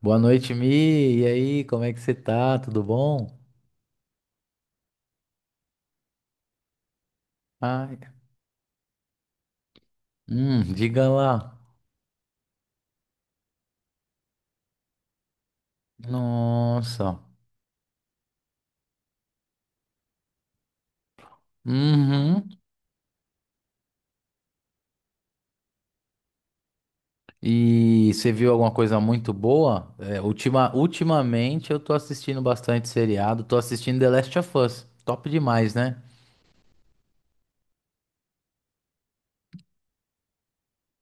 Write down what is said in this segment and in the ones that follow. Boa noite, Mi. E aí, como é que você tá? Tudo bom? Ai, diga lá. Nossa. Uhum. E você viu alguma coisa muito boa? É, ultimamente eu tô assistindo bastante seriado, tô assistindo The Last of Us. Top demais, né?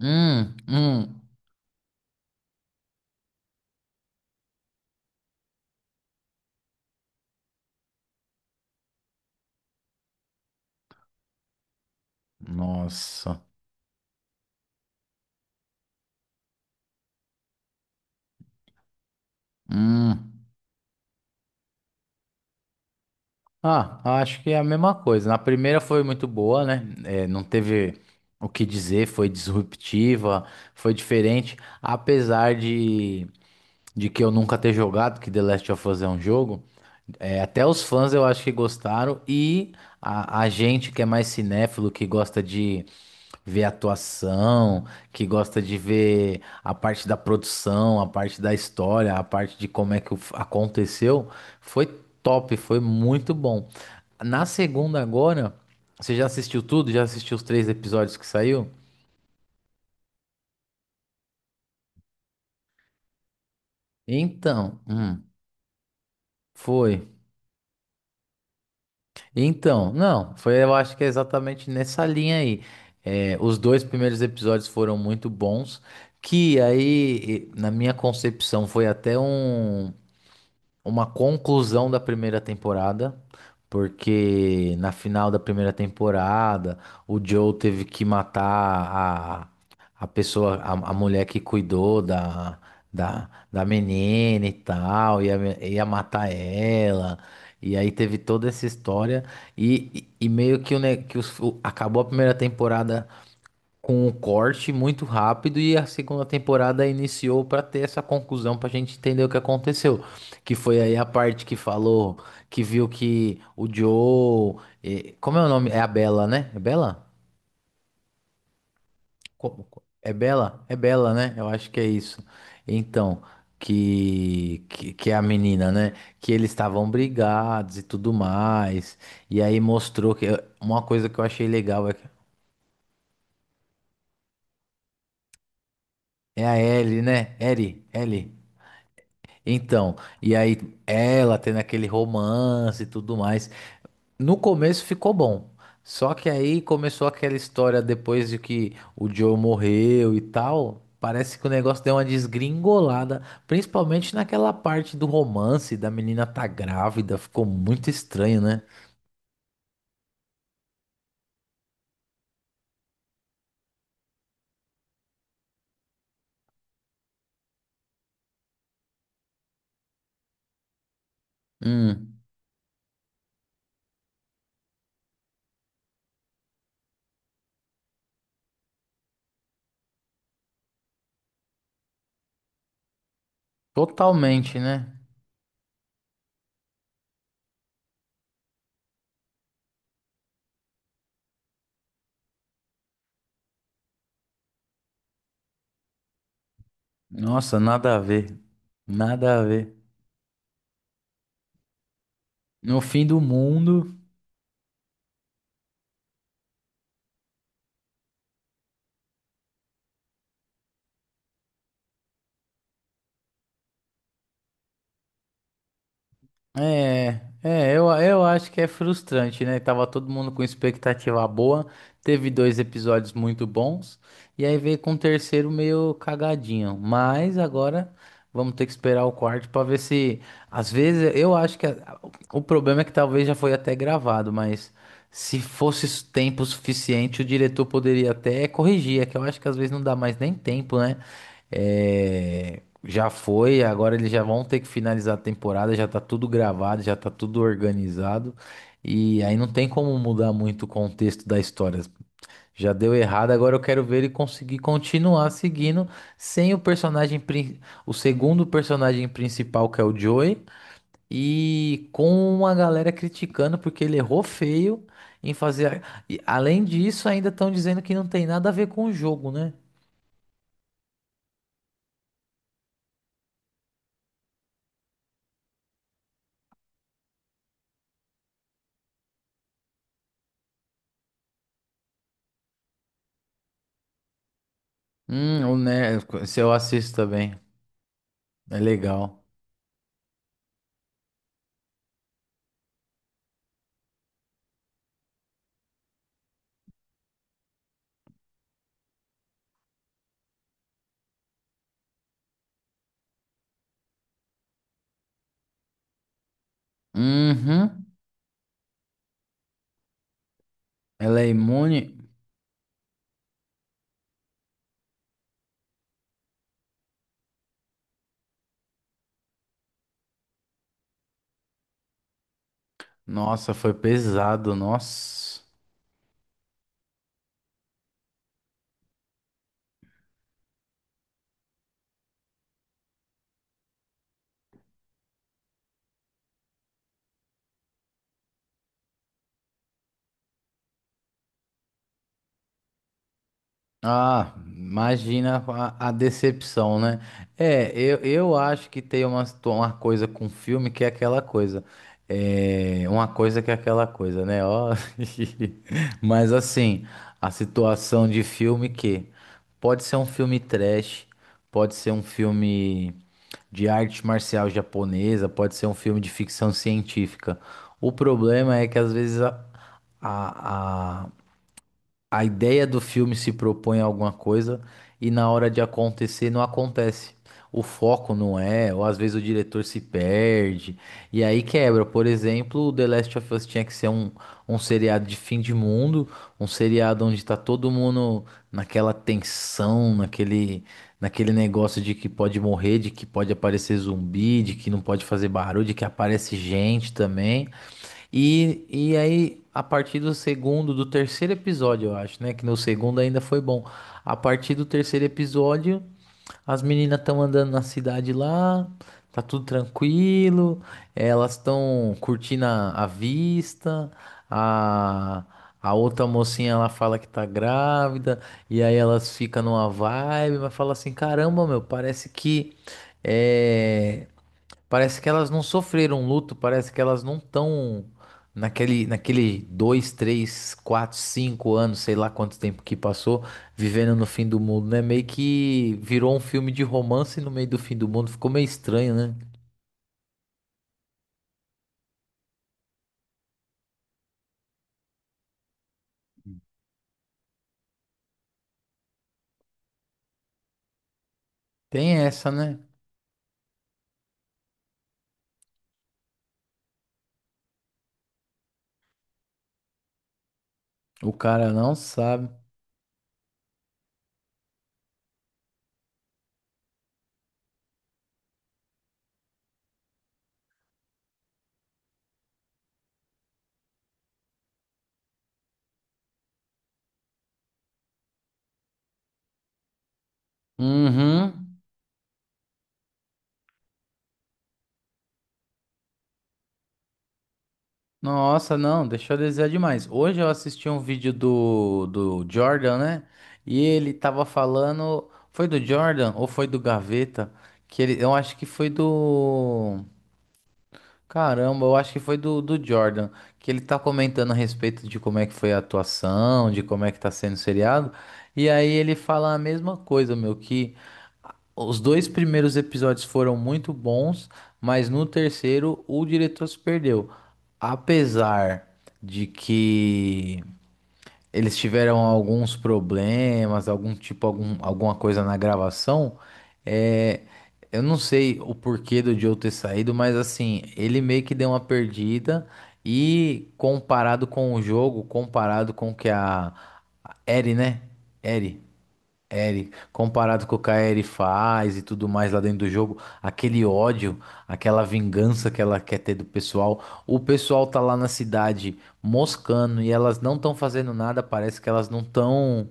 Hum, hum. Nossa. Hum. Ah, acho que é a mesma coisa. Na primeira foi muito boa, né? É, não teve o que dizer, foi disruptiva, foi diferente. Apesar de que eu nunca ter jogado, que The Last of Us é um jogo, é, até os fãs eu acho que gostaram. E a gente que é mais cinéfilo, que gosta de ver a atuação, que gosta de ver a parte da produção, a parte da história, a parte de como é que aconteceu, foi top, foi muito bom. Na segunda agora, você já assistiu tudo? Já assistiu os três episódios que saiu? Então, foi. Então, não, foi, eu acho que é exatamente nessa linha aí. É, os dois primeiros episódios foram muito bons, que aí, na minha concepção, foi até uma conclusão da primeira temporada, porque na final da primeira temporada o Joe teve que matar a, pessoa, a mulher que cuidou da menina e tal, ia matar ela. E aí teve toda essa história e meio que, o, ne- que os- o- acabou a primeira temporada com um corte muito rápido e a segunda temporada iniciou para ter essa conclusão para a gente entender o que aconteceu, que foi aí a parte que falou que viu que o Joe, como é o nome? É a Bella, né? É Bella? É Bella? É Bella, né? Eu acho que é isso. Então, que é a menina, né? Que eles estavam brigados e tudo mais. E aí mostrou que uma coisa que eu achei legal é que é a Ellie, né? Ellie, Ellie. Então, e aí ela tendo aquele romance e tudo mais. No começo ficou bom. Só que aí começou aquela história depois de que o Joe morreu e tal. Parece que o negócio deu uma desgringolada, principalmente naquela parte do romance da menina tá grávida, ficou muito estranho, né? Hum, totalmente, né? Nossa, nada a ver. Nada a ver. No fim do mundo. É, eu acho que é frustrante, né? Tava todo mundo com expectativa boa, teve dois episódios muito bons, e aí veio com o terceiro meio cagadinho. Mas agora vamos ter que esperar o quarto pra ver se. Às vezes eu acho que o problema é que talvez já foi até gravado, mas se fosse tempo suficiente, o diretor poderia até corrigir. É que eu acho que às vezes não dá mais nem tempo, né? É, já foi, agora eles já vão ter que finalizar a temporada, já tá tudo gravado, já tá tudo organizado. E aí não tem como mudar muito o contexto da história. Já deu errado, agora eu quero ver ele conseguir continuar seguindo sem o personagem, o segundo personagem principal, que é o Joey, e com uma galera criticando porque ele errou feio em fazer. E além disso, ainda estão dizendo que não tem nada a ver com o jogo, né? Hum. Se eu assisto também. É legal. Uhum. Ela é imune? Nossa, foi pesado, nossa. Ah, imagina a decepção, né? É, eu acho que tem uma, uma coisa com filme que é aquela coisa. É, uma coisa que é aquela coisa, né? Ó, mas assim, a situação de filme que pode ser um filme trash, pode ser um filme de arte marcial japonesa, pode ser um filme de ficção científica. O problema é que às vezes a, a ideia do filme se propõe a alguma coisa e na hora de acontecer não acontece. O foco não é, ou às vezes o diretor se perde, e aí quebra. Por exemplo, o The Last of Us tinha que ser um seriado de fim de mundo, um seriado onde tá todo mundo naquela tensão, naquele negócio de que pode morrer, de que pode aparecer zumbi, de que não pode fazer barulho, de que aparece gente também. E aí, a partir do segundo, do terceiro episódio, eu acho, né? Que no segundo ainda foi bom. A partir do terceiro episódio, as meninas estão andando na cidade lá, tá tudo tranquilo, elas estão curtindo a vista, a, a outra mocinha ela fala que tá grávida, e aí elas ficam numa vibe, mas fala assim: caramba, meu, eh, Parece que elas não sofreram luto, parece que elas não estão naquele, dois, três, quatro, cinco anos, sei lá quanto tempo que passou, vivendo no fim do mundo, né? Meio que virou um filme de romance no meio do fim do mundo, ficou meio estranho, né? Tem essa, né? O cara não sabe. Uhum. Nossa, não, deixou a desejar demais. Hoje eu assisti um vídeo do Jordan, né? E ele tava falando. Foi do Jordan ou foi do Gaveta? Que ele, eu acho que foi do. Caramba, eu acho que foi do Jordan. Que ele tá comentando a respeito de como é que foi a atuação, de como é que tá sendo o seriado. E aí ele fala a mesma coisa, meu, que. Os dois primeiros episódios foram muito bons, mas no terceiro o diretor se perdeu. Apesar de que eles tiveram alguns problemas, algum tipo, alguma coisa na gravação, é, eu não sei o porquê do Joe ter saído, mas assim, ele meio que deu uma perdida e comparado com o jogo, comparado com o que a Eri, né? Eri. Eri, comparado com o que a Eri faz e tudo mais lá dentro do jogo, aquele ódio, aquela vingança que ela quer ter do pessoal, o pessoal tá lá na cidade moscando e elas não estão fazendo nada, parece que elas não estão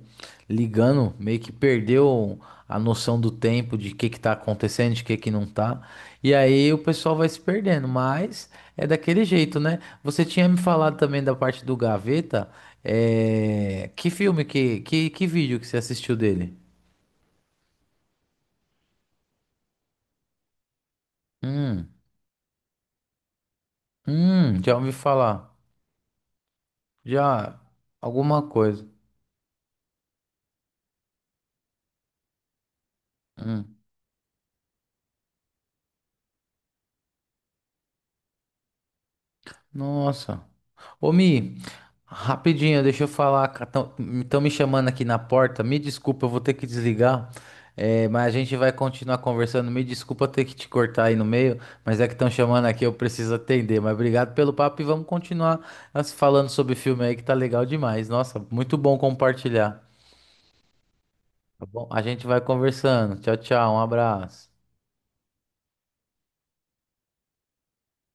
ligando, meio que perdeu a noção do tempo, de o que que tá acontecendo, de o que que não tá. E aí o pessoal vai se perdendo, mas é daquele jeito, né? Você tinha me falado também da parte do Gaveta. É... Que filme, que vídeo que você assistiu dele? Hum, já ouvi falar. Já, alguma coisa. Hum, nossa. Ô, Mi, rapidinho, deixa eu falar. Estão me chamando aqui na porta. Me desculpa, eu vou ter que desligar. É, mas a gente vai continuar conversando. Me desculpa ter que te cortar aí no meio, mas é que estão chamando aqui, eu preciso atender. Mas obrigado pelo papo e vamos continuar nós falando sobre filme aí que tá legal demais. Nossa, muito bom compartilhar. Tá bom? A gente vai conversando. Tchau, tchau. Um abraço.